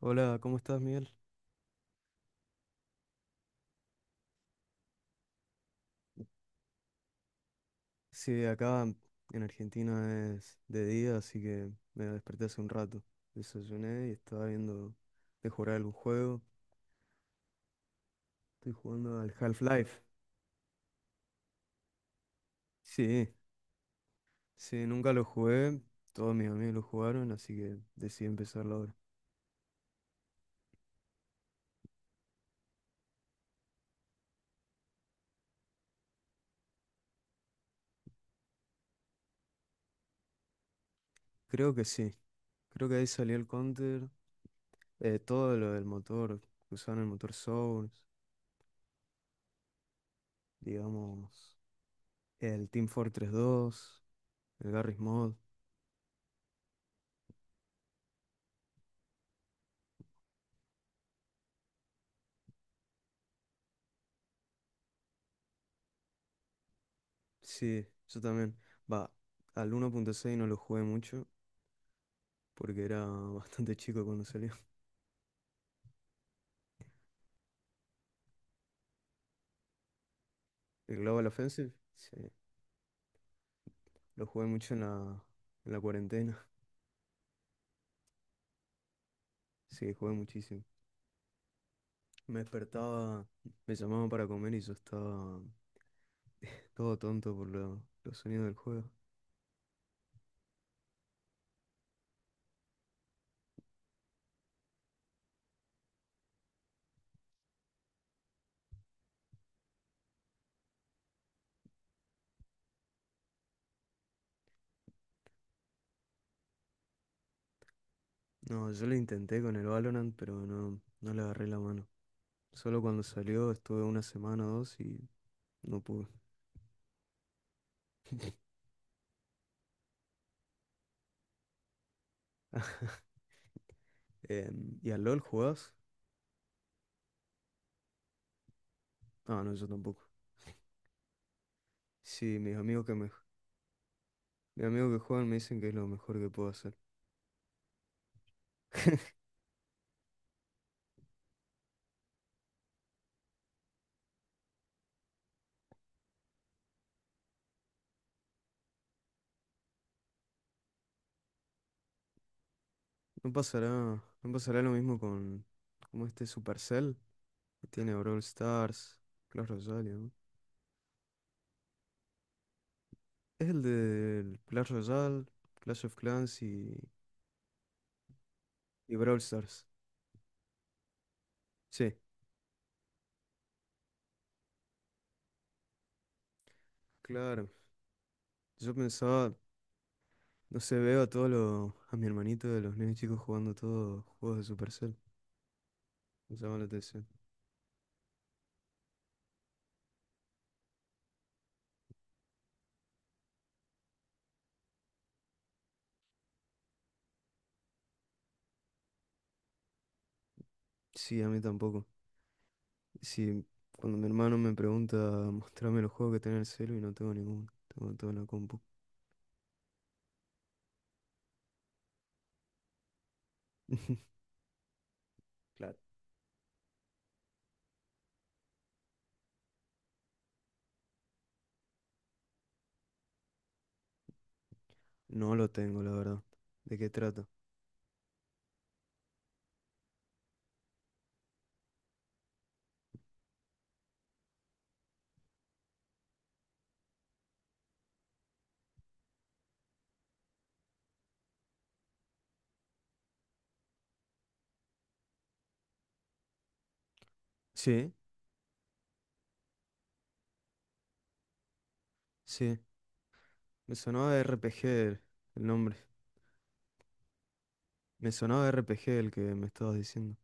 Hola, ¿cómo estás, Miguel? Sí, acá en Argentina es de día, así que me desperté hace un rato. Desayuné y estaba viendo de jugar algún juego. Estoy jugando al Half-Life. Sí, sí, nunca lo jugué. Todos mis amigos lo jugaron, así que decidí empezarlo ahora. Creo que sí. Creo que ahí salió el Counter. Todo lo del motor, que usaron el motor Source, digamos, el Team Fortress 2, el Garry's Mod. Sí, yo también. Va, al 1.6 no lo jugué mucho porque era bastante chico cuando salió. El Global Offensive, sí, lo jugué mucho en la cuarentena. Sí, jugué muchísimo. Me despertaba, me llamaban para comer y yo estaba todo tonto por los sonidos del juego. No, yo lo intenté con el Valorant, pero no, no le agarré la mano. Solo cuando salió estuve una semana o dos y no pude. ¿Y al LOL jugás? Ah, no, yo tampoco. Sí, mis amigos que juegan me dicen que es lo mejor que puedo hacer. No pasará lo mismo con como este Supercell que tiene Brawl Stars, Clash Royale, ¿no? Es el de Clash Royale, Clash of Clans y Brawl Stars. Sí, claro. Yo pensaba, no sé, veo a todos los, a mi hermanito de los nenes chicos jugando todos juegos de Supercell. Me llama la atención. Sí, a mí tampoco. Si cuando mi hermano me pregunta, mostrame los juegos que tiene en el celu y no tengo ninguno, tengo todo en la compu. Claro. No lo tengo, la verdad. ¿De qué trato? Sí, sí. Me sonaba R RPG el nombre. Me sonaba RPG el que me estabas diciendo.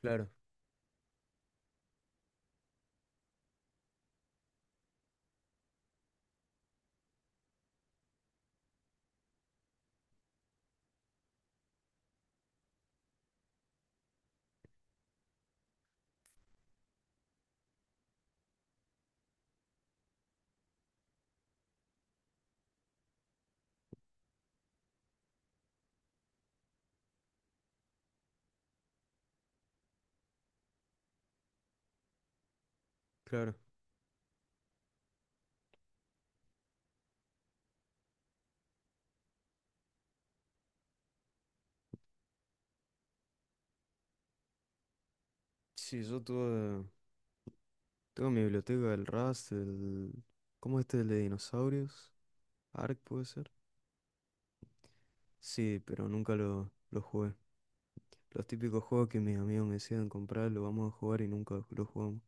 Claro, claro. Sí, yo tuve mi biblioteca del Rust. ¿Cómo es este? El de dinosaurios. Ark puede ser. Sí, pero nunca lo jugué. Los típicos juegos que mis amigos me decían comprar, lo vamos a jugar y nunca lo jugamos.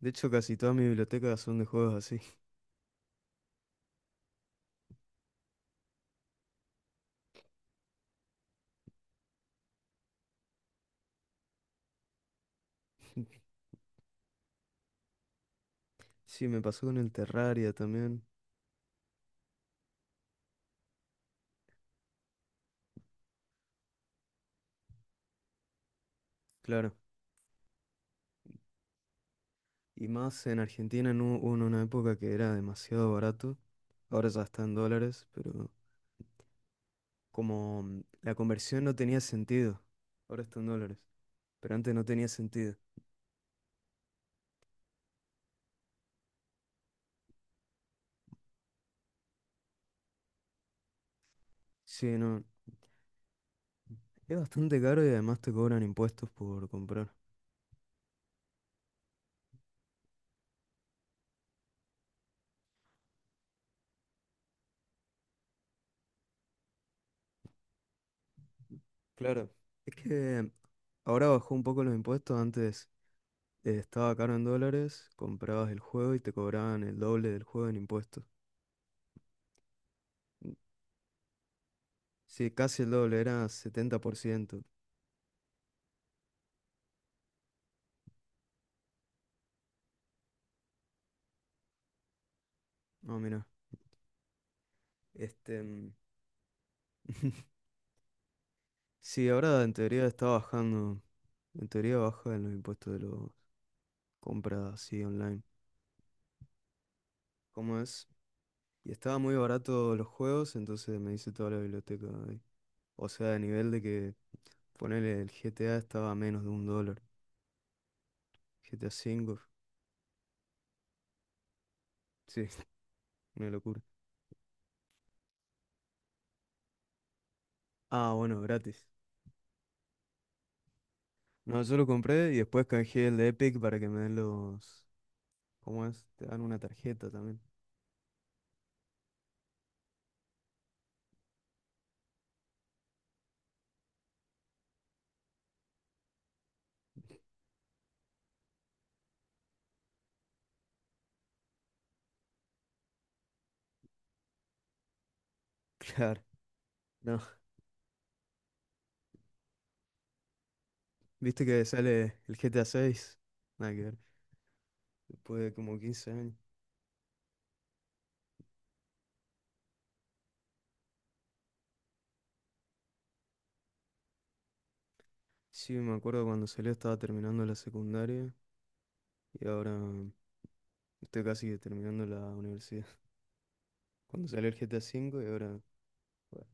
De hecho, casi toda mi biblioteca son de juegos así. Sí, me pasó con el Terraria también. Claro. Y más en Argentina en hubo una época que era demasiado barato. Ahora ya está en dólares, pero como la conversión no tenía sentido. Ahora está en dólares, pero antes no tenía sentido. Sí, no, es bastante caro y además te cobran impuestos por comprar. Claro, es que ahora bajó un poco los impuestos. Antes estaba caro en dólares, comprabas el juego y te cobraban el doble del juego en impuestos. Sí, casi el doble, era 70%. No, mira, este... mm, Sí, ahora en teoría está bajando. En teoría baja los impuestos de las compras así online. ¿Cómo es? Y estaba muy barato los juegos, entonces me hice toda la biblioteca ahí. O sea, a nivel de que ponerle el GTA estaba a menos de un dólar. GTA 5, sí, una locura. Ah, bueno, gratis. No, yo lo compré y después canjeé el de Epic para que me den los. ¿Cómo es? Te dan una tarjeta también. Claro, no. ¿Viste que sale el GTA 6? Nada que ver, después de como 15 años. Sí, me acuerdo cuando salió estaba terminando la secundaria y ahora estoy casi que terminando la universidad. Cuando salió el GTA V y ahora, bueno.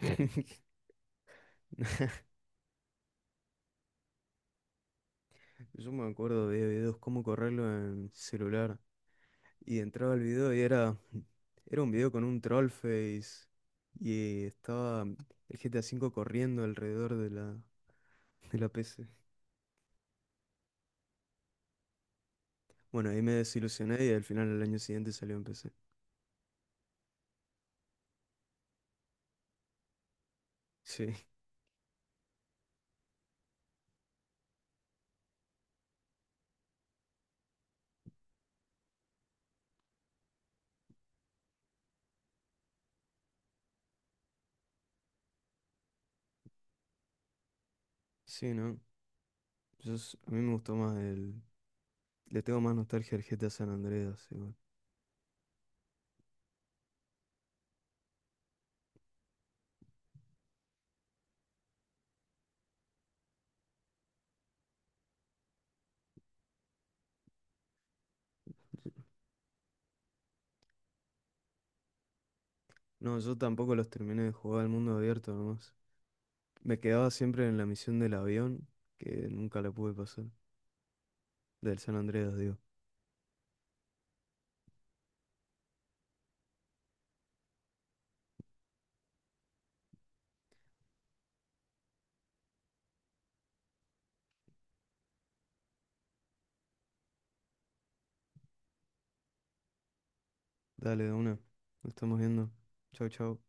Yo me acuerdo de videos cómo correrlo en celular y entraba el video y era un video con un troll face y estaba el GTA V corriendo alrededor de la, PC. Bueno, ahí me desilusioné y al final el año siguiente salió en PC. Sí, sí, ¿no? Yo a mí me gustó más. Le tengo más nostalgia al GTA San Andreas, igual. No, yo tampoco los terminé de jugar al mundo abierto nomás. Me quedaba siempre en la misión del avión, que nunca la pude pasar. Del San Andreas, digo. Dale, de una. Nos estamos viendo. Chau, chau.